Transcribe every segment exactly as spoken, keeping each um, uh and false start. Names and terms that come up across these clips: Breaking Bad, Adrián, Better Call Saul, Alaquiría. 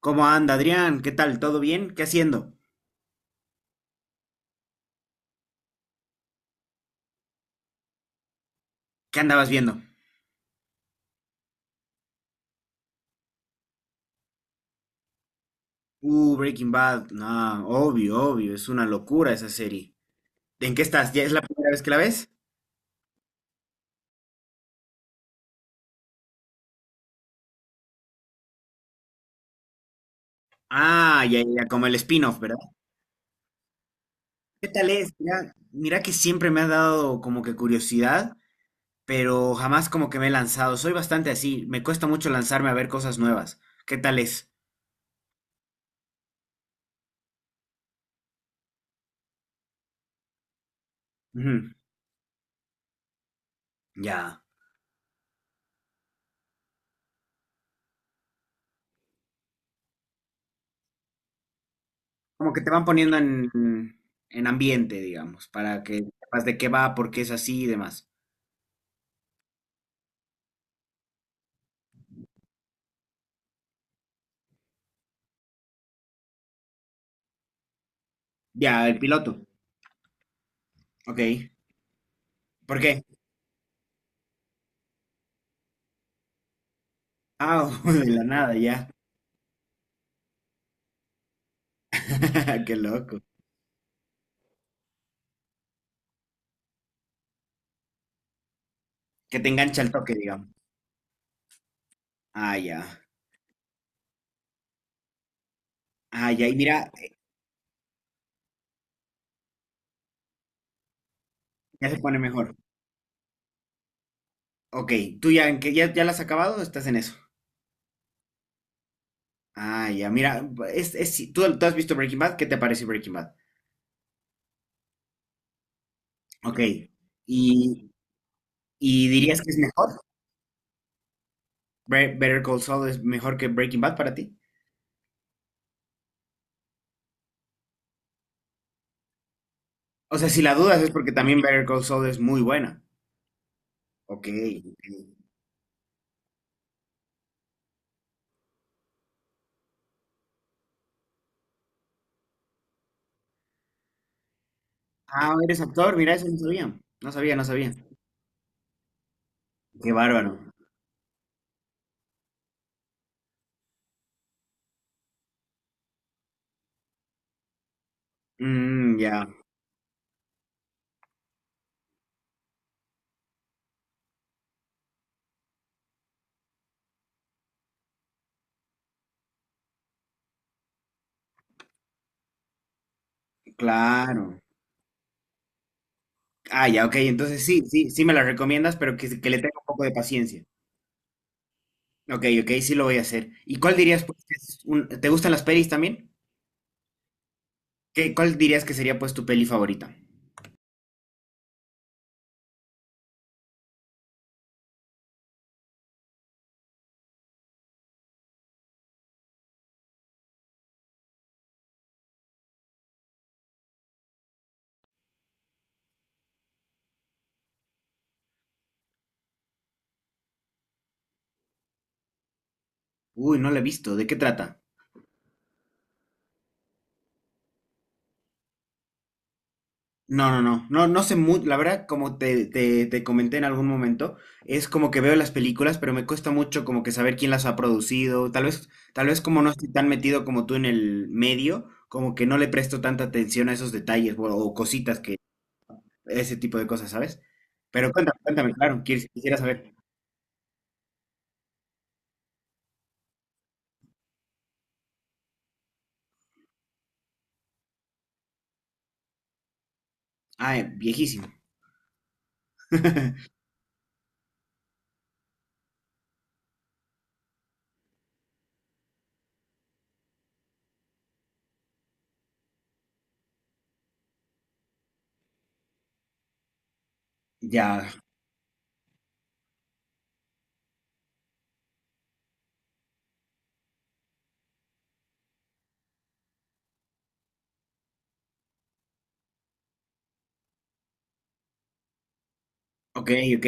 ¿Cómo anda, Adrián? ¿Qué tal? ¿Todo bien? ¿Qué haciendo? ¿Qué andabas viendo? Uh, Breaking Bad. No, obvio, obvio. Es una locura esa serie. ¿En qué estás? ¿Ya es la primera vez que la ves? Ah, ya, ya, ya, como el spin-off, ¿verdad? ¿Qué tal es? Mira, mira que siempre me ha dado como que curiosidad, pero jamás como que me he lanzado. Soy bastante así. Me cuesta mucho lanzarme a ver cosas nuevas. ¿Qué tal es? Ujú, ya. Como que te van poniendo en, en ambiente, digamos, para que sepas de qué va, por qué es así y demás. Ya, el piloto. Ok. ¿Por qué? Ah, de la nada, ya. Qué loco. Que te engancha el toque, digamos. Ah, ya. Ah, ya. Y mira, ya se pone mejor. Ok. ¿Tú ya, en qué- ya, ya la has acabado o estás en eso? Ah, ya. Mira, es, es, ¿tú, tú has visto Breaking Bad? ¿Qué te parece Breaking Bad? Ok. ¿Y, y dirías que es mejor? Bre- ¿Better Call Saul es mejor que Breaking Bad para ti? O sea, si la dudas es porque también Better Call Saul es muy buena. Ok. Ah, eres actor, mira, eso no sabía. No sabía, no sabía. Qué bárbaro. Mm, ya, claro. Ah, ya, ok. Entonces sí, sí, sí me la recomiendas, pero que, que le tenga un poco de paciencia. Ok, ok, sí lo voy a hacer. ¿Y cuál dirías, pues, que es un- ¿te gustan las pelis también? ¿Qué, cuál dirías que sería, pues, tu peli favorita? Uy, no la he visto. ¿De qué trata? No, no, no, no, no sé mucho, la verdad, como te, te, te comenté en algún momento, es como que veo las películas, pero me cuesta mucho como que saber quién las ha producido, tal vez, tal vez como no estoy tan metido como tú en el medio, como que no le presto tanta atención a esos detalles o, o cositas que, ese tipo de cosas, ¿sabes? Pero cuéntame, cuéntame, claro, quis- quisiera saber. Ah, eh, viejísimo. Ya, ok, ok.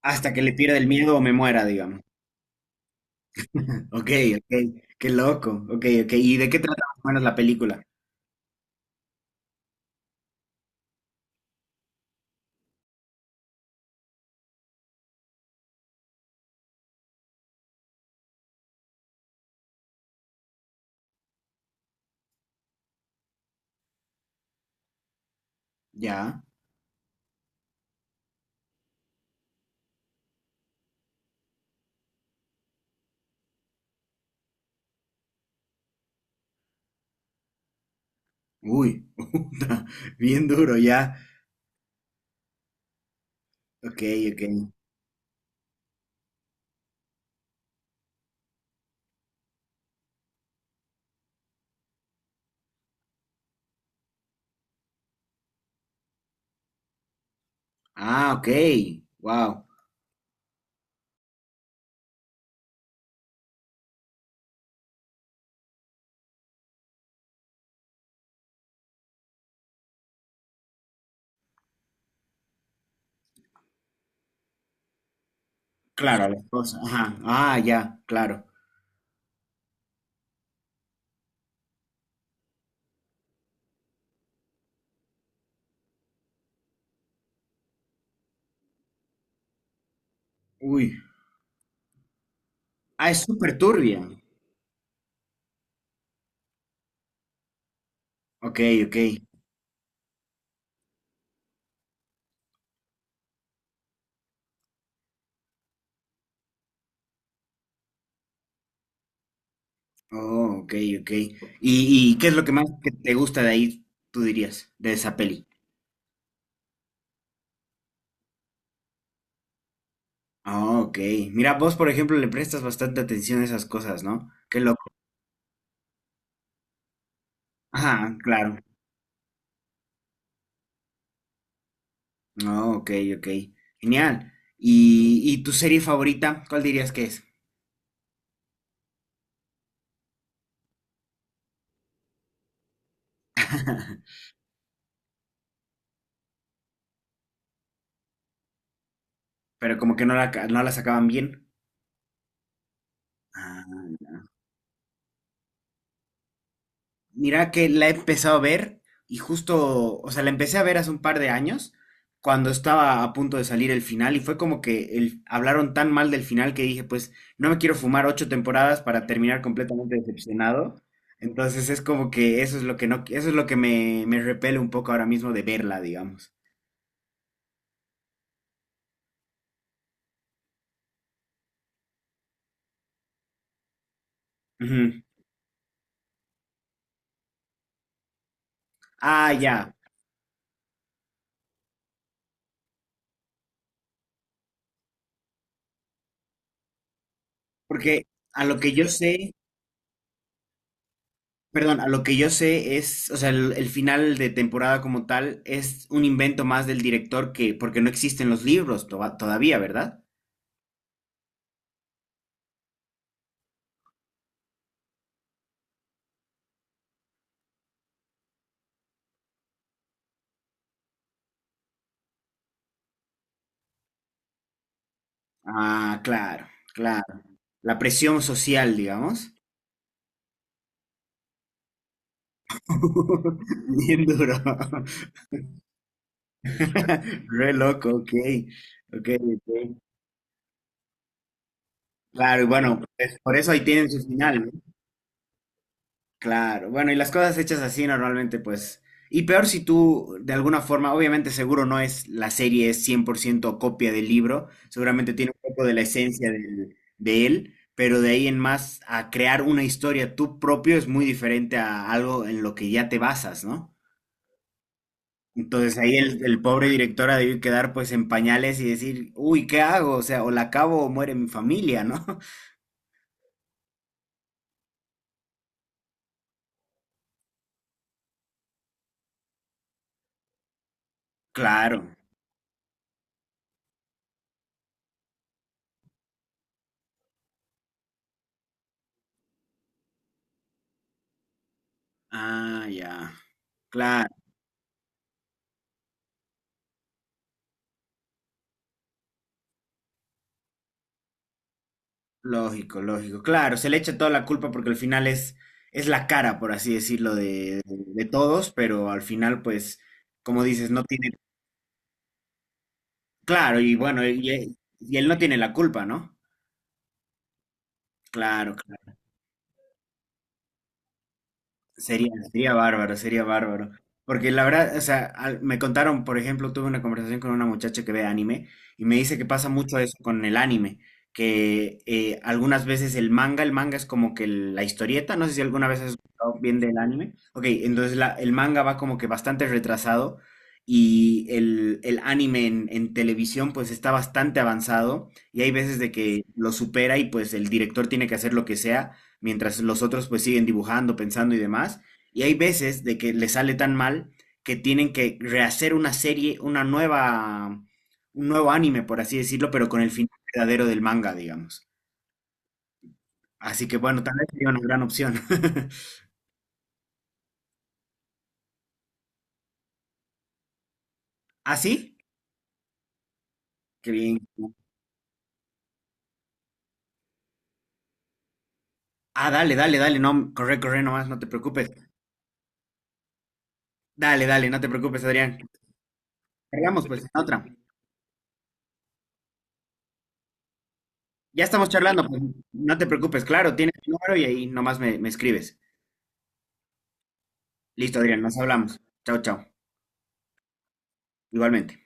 Hasta que le pierda el miedo o me muera, digamos. Ok, ok, qué loco, ok, ok. ¿Y de qué trata más o menos la película? Ya. Uy, bien duro ya. Ok, ok. Ah, ok. Wow. Claro, la esposa. Ajá. Ah, ya, claro. Uy. Ah, es súper turbia. Ok, ok. Oh, ok, ok. ¿Y, y qué es lo que más que te gusta de ahí, tú dirías, de esa peli? Ah, ok. Mira, vos, por ejemplo, le prestas bastante atención a esas cosas, ¿no? Qué loco. Ajá, claro. No, ok, ok. Genial. ¿Y, y tu serie favorita? ¿Cuál dirías que es? Pero como que no la, ca- no la sacaban bien. Ah, mira que la he empezado a ver y justo, o sea, la empecé a ver hace un par de años cuando estaba a punto de salir el final y fue como que el, hablaron tan mal del final que dije, pues no me quiero fumar ocho temporadas para terminar completamente decepcionado. Entonces es como que eso es lo que no, eso es lo que me, me repele un poco ahora mismo de verla, digamos. Ujú. Ah, ya. Porque a lo que yo sé, perdón, a lo que yo sé es, o sea, el, el final de temporada como tal es un invento más del director que, porque no existen los libros to- todavía, ¿verdad? Ah, claro, claro. La presión social, digamos. Bien duro. Re loco, ok. Ok, ok. Claro, y bueno, pues, por eso ahí tienen su final. Claro, bueno, y las cosas hechas así normalmente, pues, y peor si tú, de alguna forma, obviamente seguro no es, la serie es cien por ciento copia del libro, seguramente tiene un poco de la esencia del- de él, pero de ahí en más a crear una historia tú propio es muy diferente a algo en lo que ya te basas, ¿no? Entonces ahí el, el pobre director ha debido quedar pues en pañales y decir, uy, ¿qué hago? O sea, o la acabo o muere mi familia, ¿no? Claro. Ah, ya. Claro. Lógico, lógico. Claro, se le echa toda la culpa porque al final es, es la cara, por así decirlo, de, de- todos, pero al final, pues, como dices, no tiene. Claro, y bueno, y, y él no tiene la culpa, ¿no? Claro, sería, sería bárbaro, sería bárbaro. Porque la verdad, o sea, al- me contaron, por ejemplo, tuve una conversación con una muchacha que ve anime y me dice que pasa mucho eso con el anime, que eh, algunas veces el manga, el manga es como que la historieta, no sé si alguna vez has escuchado bien del anime. Ok, entonces la- el manga va como que bastante retrasado y el, el anime en, en televisión pues está bastante avanzado y hay veces de que lo supera y pues el director tiene que hacer lo que sea mientras los otros pues siguen dibujando, pensando y demás. Y hay veces de que les sale tan mal que tienen que rehacer una serie, una nueva, un nuevo anime, por así decirlo, pero con el final verdadero del manga, digamos. Así que bueno, tal vez sería una gran opción. ¿Ah, sí? Qué bien. Ah, dale, dale, dale, no, corre, corre nomás, no te preocupes. Dale, dale, no te preocupes, Adrián. Cargamos pues en otra. Ya estamos charlando, pues no te preocupes, claro, tienes mi número y ahí nomás me, me escribes. Listo, Adrián, nos hablamos. Chao, chao. Igualmente.